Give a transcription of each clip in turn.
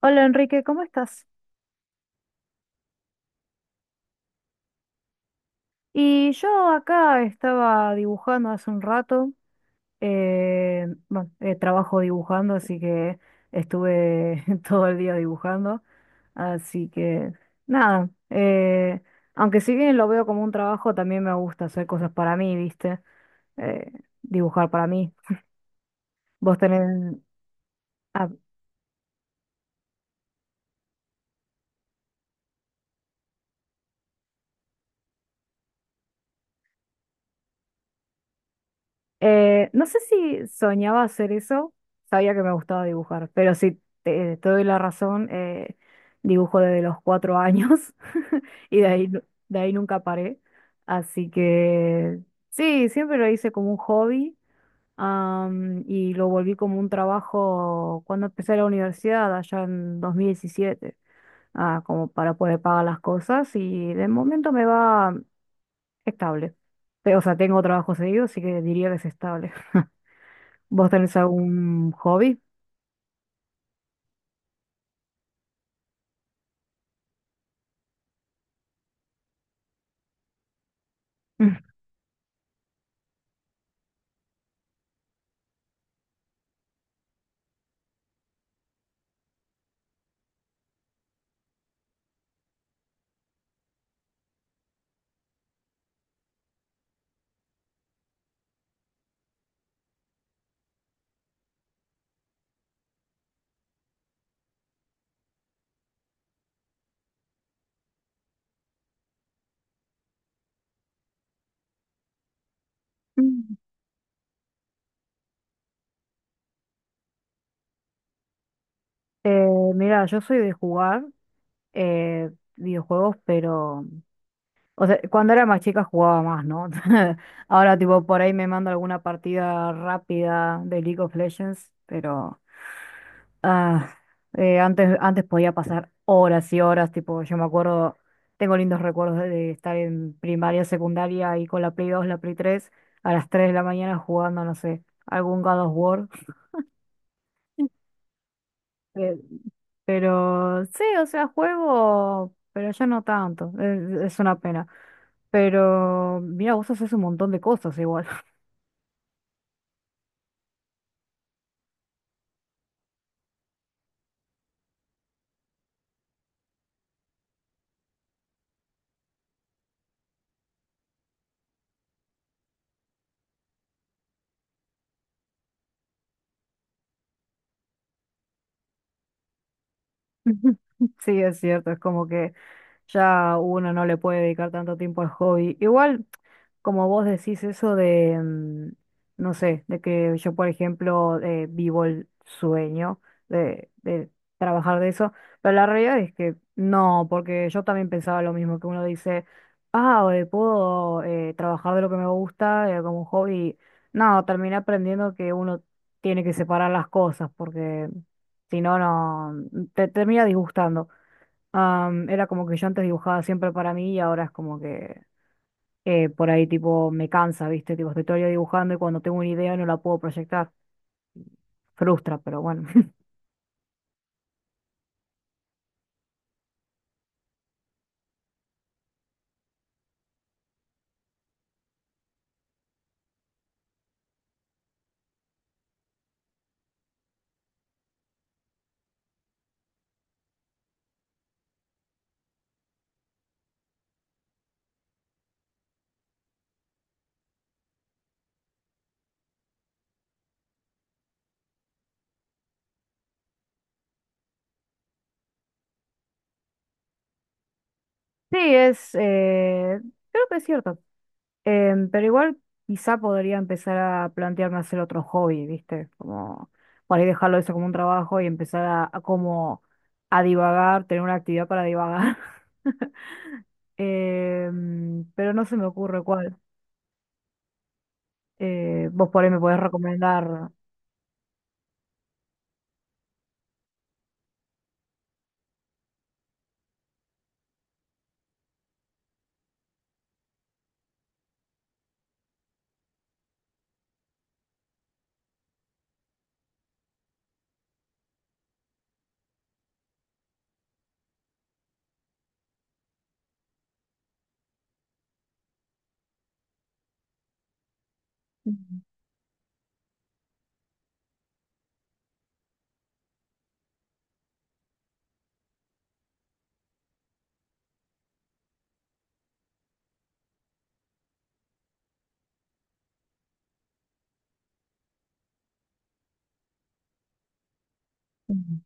Hola Enrique, ¿cómo estás? Y yo acá estaba dibujando hace un rato. Bueno, Trabajo dibujando, así que estuve todo el día dibujando. Así que nada, aunque si bien lo veo como un trabajo, también me gusta hacer cosas para mí, ¿viste? Eh, Dibujar para mí. ¿Vos tenés... ah, no sé si soñaba hacer eso, sabía que me gustaba dibujar, pero si te doy la razón, dibujo desde los cuatro años y de ahí, de ahí nunca paré. Así que sí, siempre lo hice como un hobby, y lo volví como un trabajo cuando empecé la universidad, allá en 2017, como para poder pagar las cosas y de momento me va estable. Pero, o sea, tengo trabajo seguido, así que diría que es estable. ¿Vos tenés algún hobby? Eh, Mira, yo soy de jugar videojuegos, pero, o sea, cuando era más chica jugaba más, ¿no? Ahora, tipo, por ahí me mando alguna partida rápida de League of Legends, pero ah, antes podía pasar horas y horas, tipo, yo me acuerdo, tengo lindos recuerdos de estar en primaria, secundaria y con la Play dos la Play tres a las 3 de la mañana jugando, no sé, algún God of War. Pero sí, o sea, juego, pero ya no tanto. Es una pena. Pero mira, vos haces un montón de cosas igual. Sí, es cierto, es como que ya uno no le puede dedicar tanto tiempo al hobby. Igual. Como vos decís eso de, no sé, de que yo, por ejemplo, vivo el sueño de trabajar de eso, pero la realidad es que no, porque yo también pensaba lo mismo, que uno dice, ah, puedo trabajar de lo que me gusta como un hobby. No, terminé aprendiendo que uno tiene que separar las cosas, porque si no, no, te termina disgustando. Era como que yo antes dibujaba siempre para mí y ahora es como que por ahí tipo me cansa, ¿viste? Tipo, estoy todo el día dibujando y cuando tengo una idea no la puedo proyectar. Frustra, pero bueno. Sí, creo que es cierto. Pero igual quizá podría empezar a plantearme hacer otro hobby, ¿viste? Como por ahí dejarlo eso como un trabajo y empezar a como a divagar, tener una actividad para divagar. Pero no se me ocurre cuál. Vos por ahí me podés recomendar. Mm.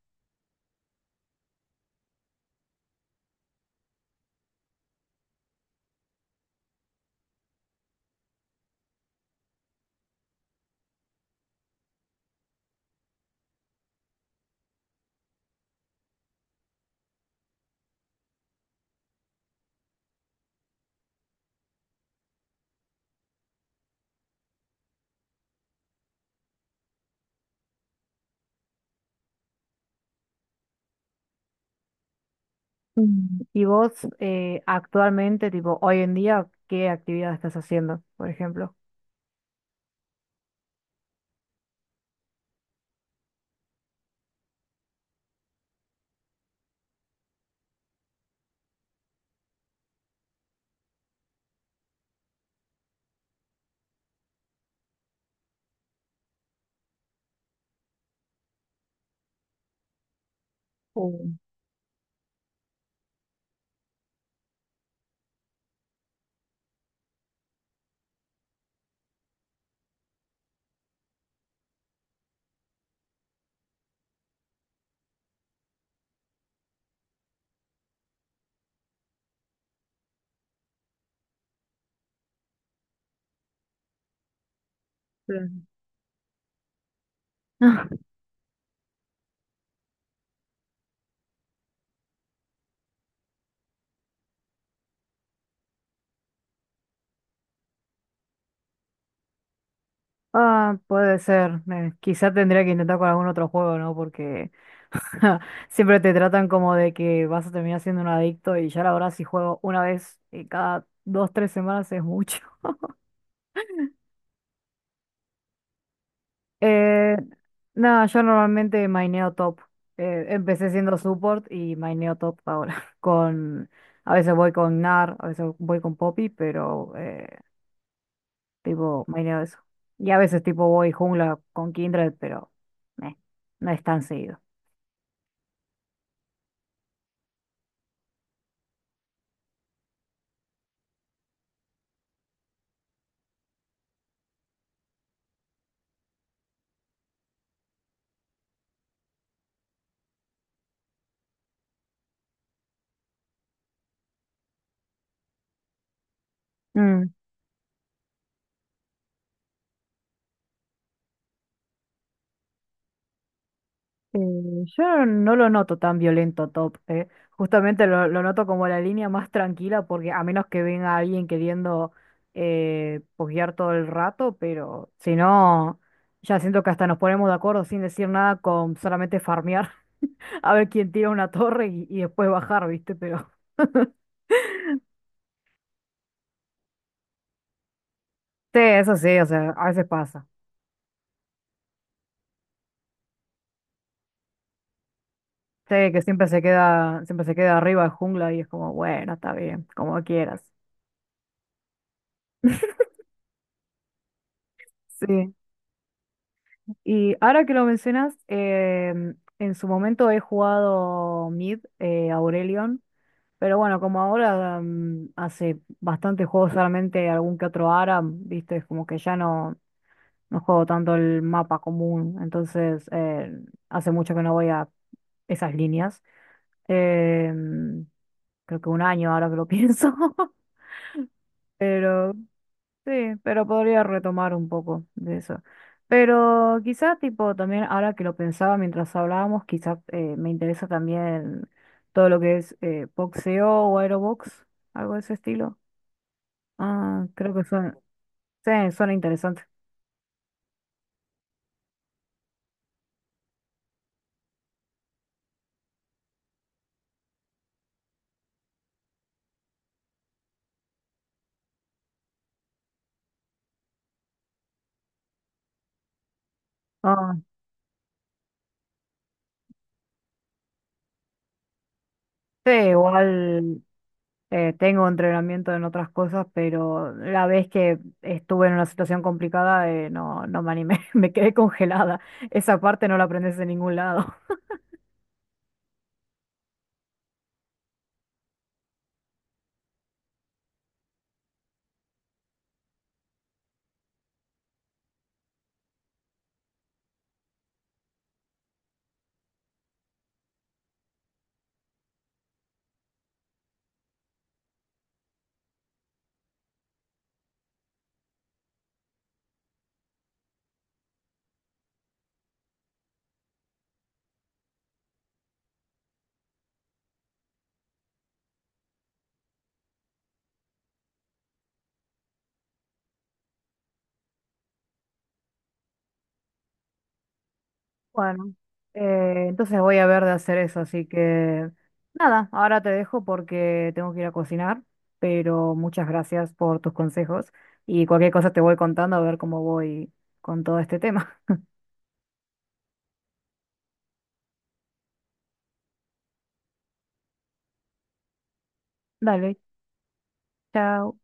Mm. Y vos actualmente, tipo, hoy en día, ¿qué actividad estás haciendo, por ejemplo? Uh, plan. Ah, puede ser. Quizá tendría que intentar con algún otro juego, ¿no? Porque siempre te tratan como de que vas a terminar siendo un adicto y ya la verdad si juego una vez cada dos, tres semanas es mucho. Eh, no, yo normalmente maineo top. Empecé siendo support y maineo top ahora. Con, a veces voy con nar a veces voy con Poppy, pero tipo maineo eso. Y a veces tipo voy jungla con Kindred, pero meh, no es tan seguido. Eh, yo no lo noto tan violento Top, eh. Justamente lo noto como la línea más tranquila, porque a menos que venga alguien queriendo posguear todo el rato, pero si no, ya siento que hasta nos ponemos de acuerdo sin decir nada con solamente farmear, a ver quién tira una torre y después bajar, ¿viste? Pero sí, eso sí, o sea, a veces pasa. Sí, que siempre se queda arriba de jungla y es como, bueno, está bien, como quieras. Sí. Y ahora que lo mencionas, en su momento he jugado Mid, Aurelion, pero bueno, como ahora hace bastantes juegos solamente algún que otro ARAM, viste, es como que no juego tanto el mapa común, entonces hace mucho que no voy a esas líneas. Em, Creo que un año ahora que lo pienso, pero sí, pero podría retomar un poco de eso. Pero quizá tipo también, ahora que lo pensaba mientras hablábamos, quizá me interesa también todo lo que es boxeo o aerobox, algo de ese estilo. Ah, creo que suena, sí, suena interesante. Ah, sí, igual tengo entrenamiento en otras cosas, pero la vez que estuve en una situación complicada no, no me animé, me quedé congelada. Esa parte no la aprendes en ningún lado. Bueno, entonces voy a ver de hacer eso, así que nada, ahora te dejo porque tengo que ir a cocinar, pero muchas gracias por tus consejos y cualquier cosa te voy contando a ver cómo voy con todo este tema. Dale, chao.